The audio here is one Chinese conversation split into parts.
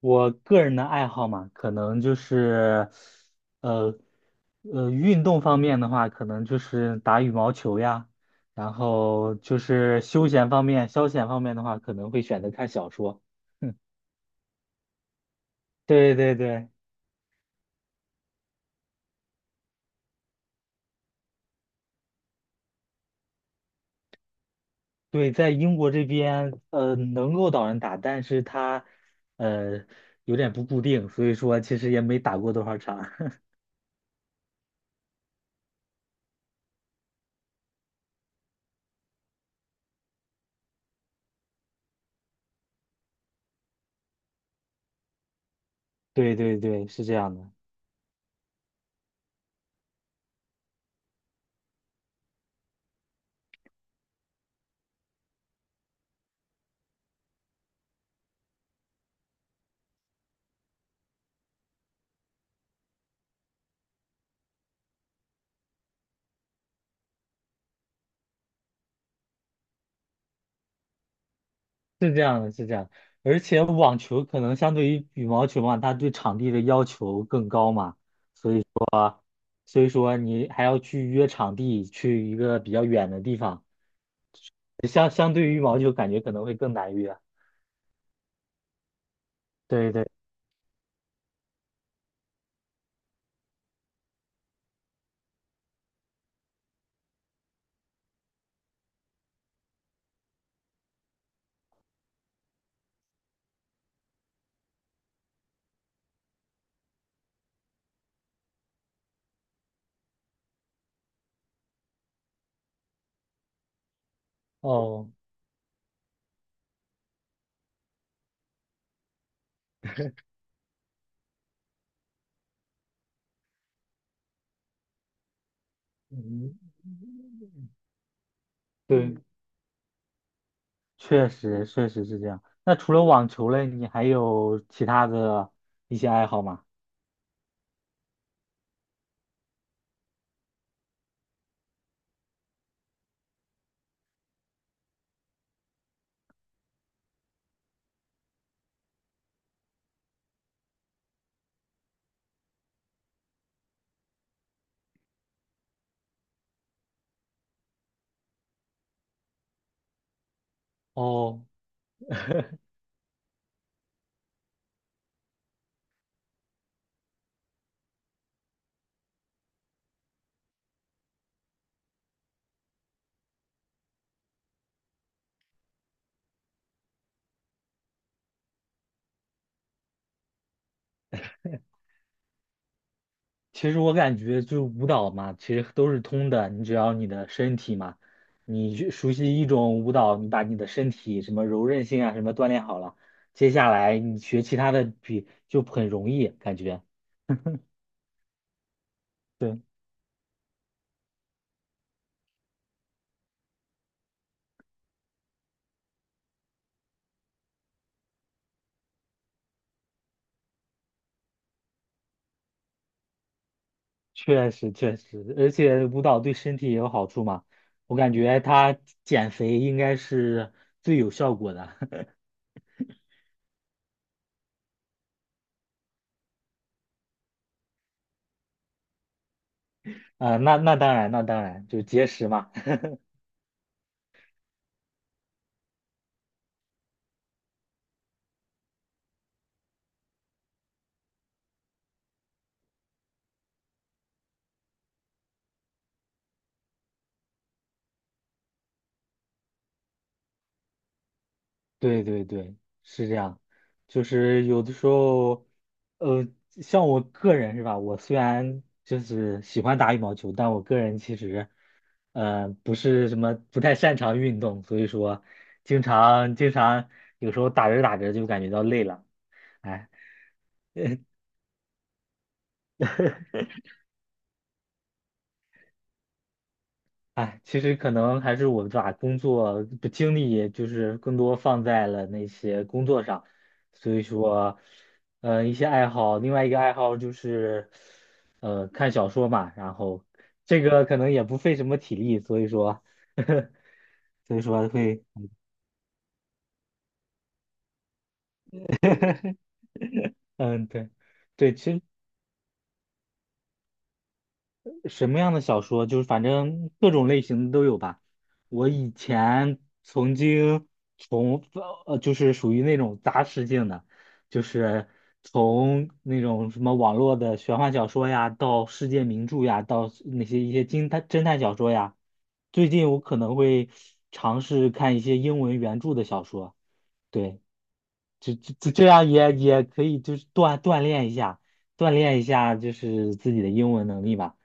我个人的爱好嘛，可能就是，呃，运动方面的话，可能就是打羽毛球呀，然后就是休闲方面、消遣方面的话，可能会选择看小说。对对对，在英国这边，能够导人打，但是他，呃，有点不固定，所以说其实也没打过多少场。对对对，是这样的。是这样的而且网球可能相对于羽毛球嘛，它对场地的要求更高嘛，所以说你还要去约场地，去一个比较远的地方，相对于羽毛球感觉可能会更难约。对对，哦，嗯，对，确实是这样。那除了网球嘞，你还有其他的一些爱好吗？哦。其实我感觉就是舞蹈嘛，其实都是通的。你只要你的身体嘛，你去熟悉一种舞蹈，你把你的身体什么柔韧性啊什么锻炼好了，接下来你学其他的比就很容易感觉。对，确实确实，而且舞蹈对身体也有好处嘛。我感觉它减肥应该是最有效果的。那当然，那当然，就节食嘛。对对对，是这样，就是有的时候，像我个人是吧？我虽然就是喜欢打羽毛球，但我个人其实，不是什么不太擅长运动，所以说，经常有时候打着打着就感觉到累了，哎，哎，其实可能还是我把工作的精力就是更多放在了那些工作上，所以说，一些爱好，另外一个爱好就是，看小说嘛，然后这个可能也不费什么体力，所以说，所以说会，嗯，对，对，其实什么样的小说？就是反正各种类型的都有吧。我以前曾经从就是属于那种杂食性的，就是从那种什么网络的玄幻小说呀，到世界名著呀，到那些一些侦探小说呀。最近我可能会尝试看一些英文原著的小说，对，就这样也也可以，就是锻炼一下，锻炼一下就是自己的英文能力吧。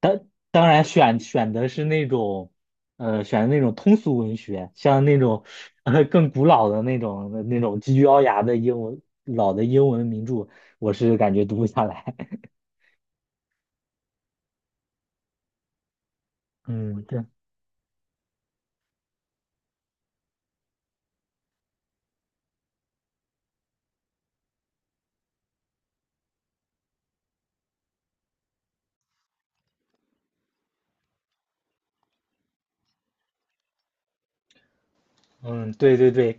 当当然选的是那种，选的那种通俗文学，像那种更古老的那种极具奥牙的英文老的英文名著，我是感觉读不下来。嗯，对，嗯，对对对。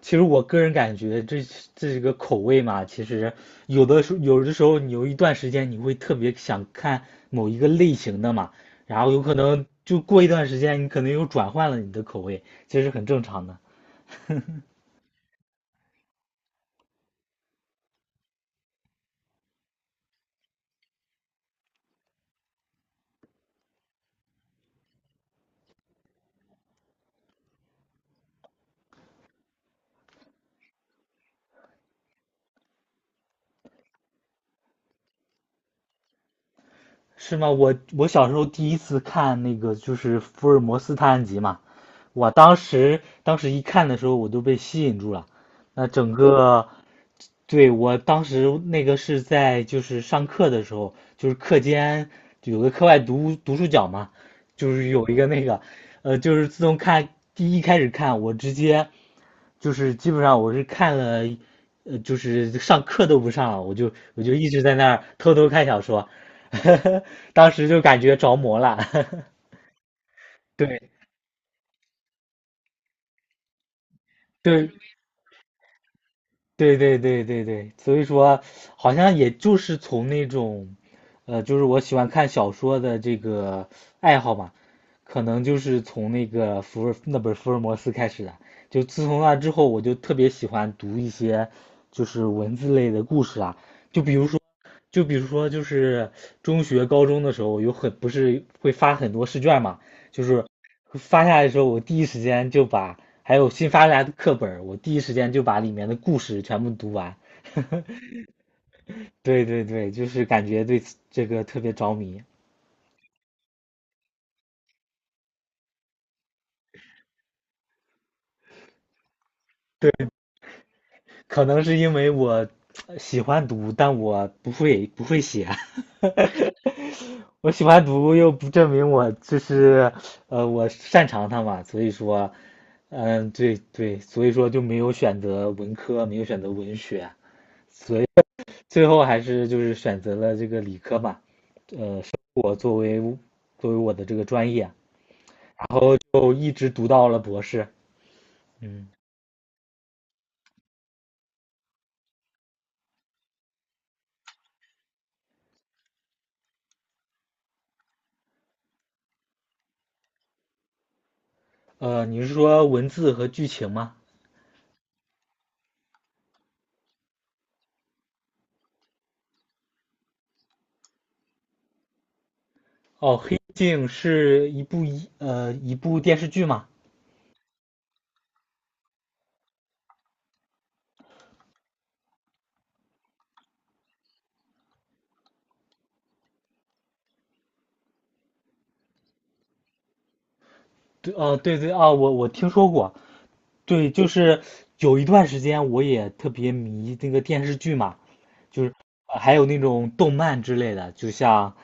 其实我个人感觉这个口味嘛，其实有的时候你有一段时间你会特别想看某一个类型的嘛，然后有可能就过一段时间你可能又转换了你的口味，这是很正常的。是吗？我我小时候第一次看那个就是福尔摩斯探案集嘛，我当时一看的时候我都被吸引住了，那整个，对，我当时那个是在就是上课的时候，就是课间有个课外读书角嘛，就是有一个那个，就是自从看第一开始看，我直接就是基本上我是看了，就是上课都不上了，我就一直在那儿偷偷看小说，当时就感觉着魔了。对对对对对，所以说好像也就是从那种，就是我喜欢看小说的这个爱好嘛，可能就是从那个那本福尔摩斯开始的。就自从那之后，我就特别喜欢读一些就是文字类的故事啊，就比如就比如说，就是中学、高中的时候，有很不是会发很多试卷嘛，就是发下来的时候，我第一时间就把还有新发下来的课本儿我第一时间就把里面的故事全部读完。对对对，就是感觉对这个特别着迷。对。可能是因为我喜欢读，但我不会写。我喜欢读又不证明我就是我擅长它嘛，所以说，嗯，对对，所以说就没有选择文科，没有选择文学，所以最后还是就是选择了这个理科嘛，生活作为我的这个专业，然后就一直读到了博士。嗯，你是说文字和剧情吗？哦，《黑镜》是一部一部电视剧嘛？对，哦，对对啊，我我听说过。对，就是有一段时间我也特别迷那个电视剧嘛，就是还有那种动漫之类的，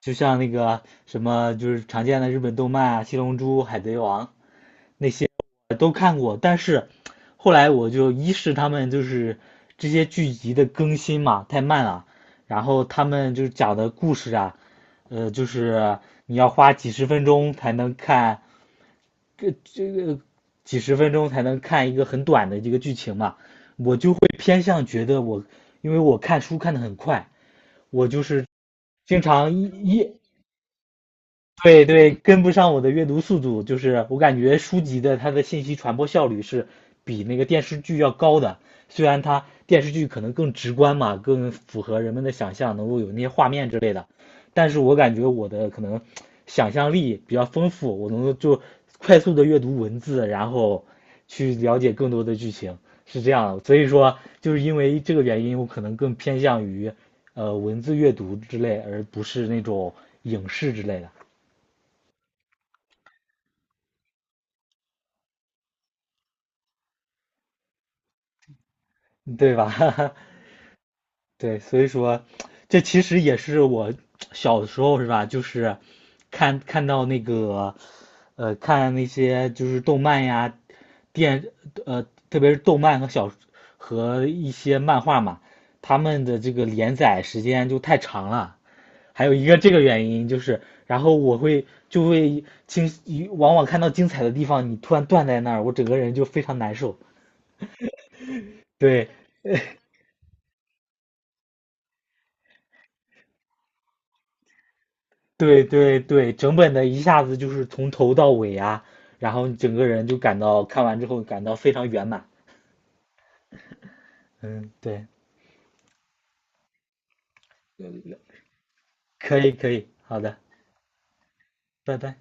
就像那个什么就是常见的日本动漫啊，《七龙珠》《海贼王》那些都看过，但是后来我就一是他们就是这些剧集的更新嘛太慢了，然后他们就是讲的故事啊，就是你要花几十分钟才能看，这个几十分钟才能看一个很短的一个剧情嘛，我就会偏向觉得我，因为我看书看的很快，我就是经常对对，跟不上我的阅读速度，就是我感觉书籍的它的信息传播效率是比那个电视剧要高的，虽然它电视剧可能更直观嘛，更符合人们的想象，能够有那些画面之类的，但是我感觉我的可能想象力比较丰富，我能够就快速的阅读文字，然后去了解更多的剧情，是这样的。所以说，就是因为这个原因，我可能更偏向于文字阅读之类，而不是那种影视之类的。对吧？对，所以说，这其实也是我小的时候是吧？就是看到那个，看那些就是动漫呀，电，特别是动漫和一些漫画嘛，他们的这个连载时间就太长了。还有一个这个原因就是，然后我会就会经，往往看到精彩的地方，你突然断在那儿，我整个人就非常难受。对，对对对，整本的一下子就是从头到尾啊，然后你整个人就感到看完之后感到非常圆满。嗯，对，可以可以，好的，拜拜。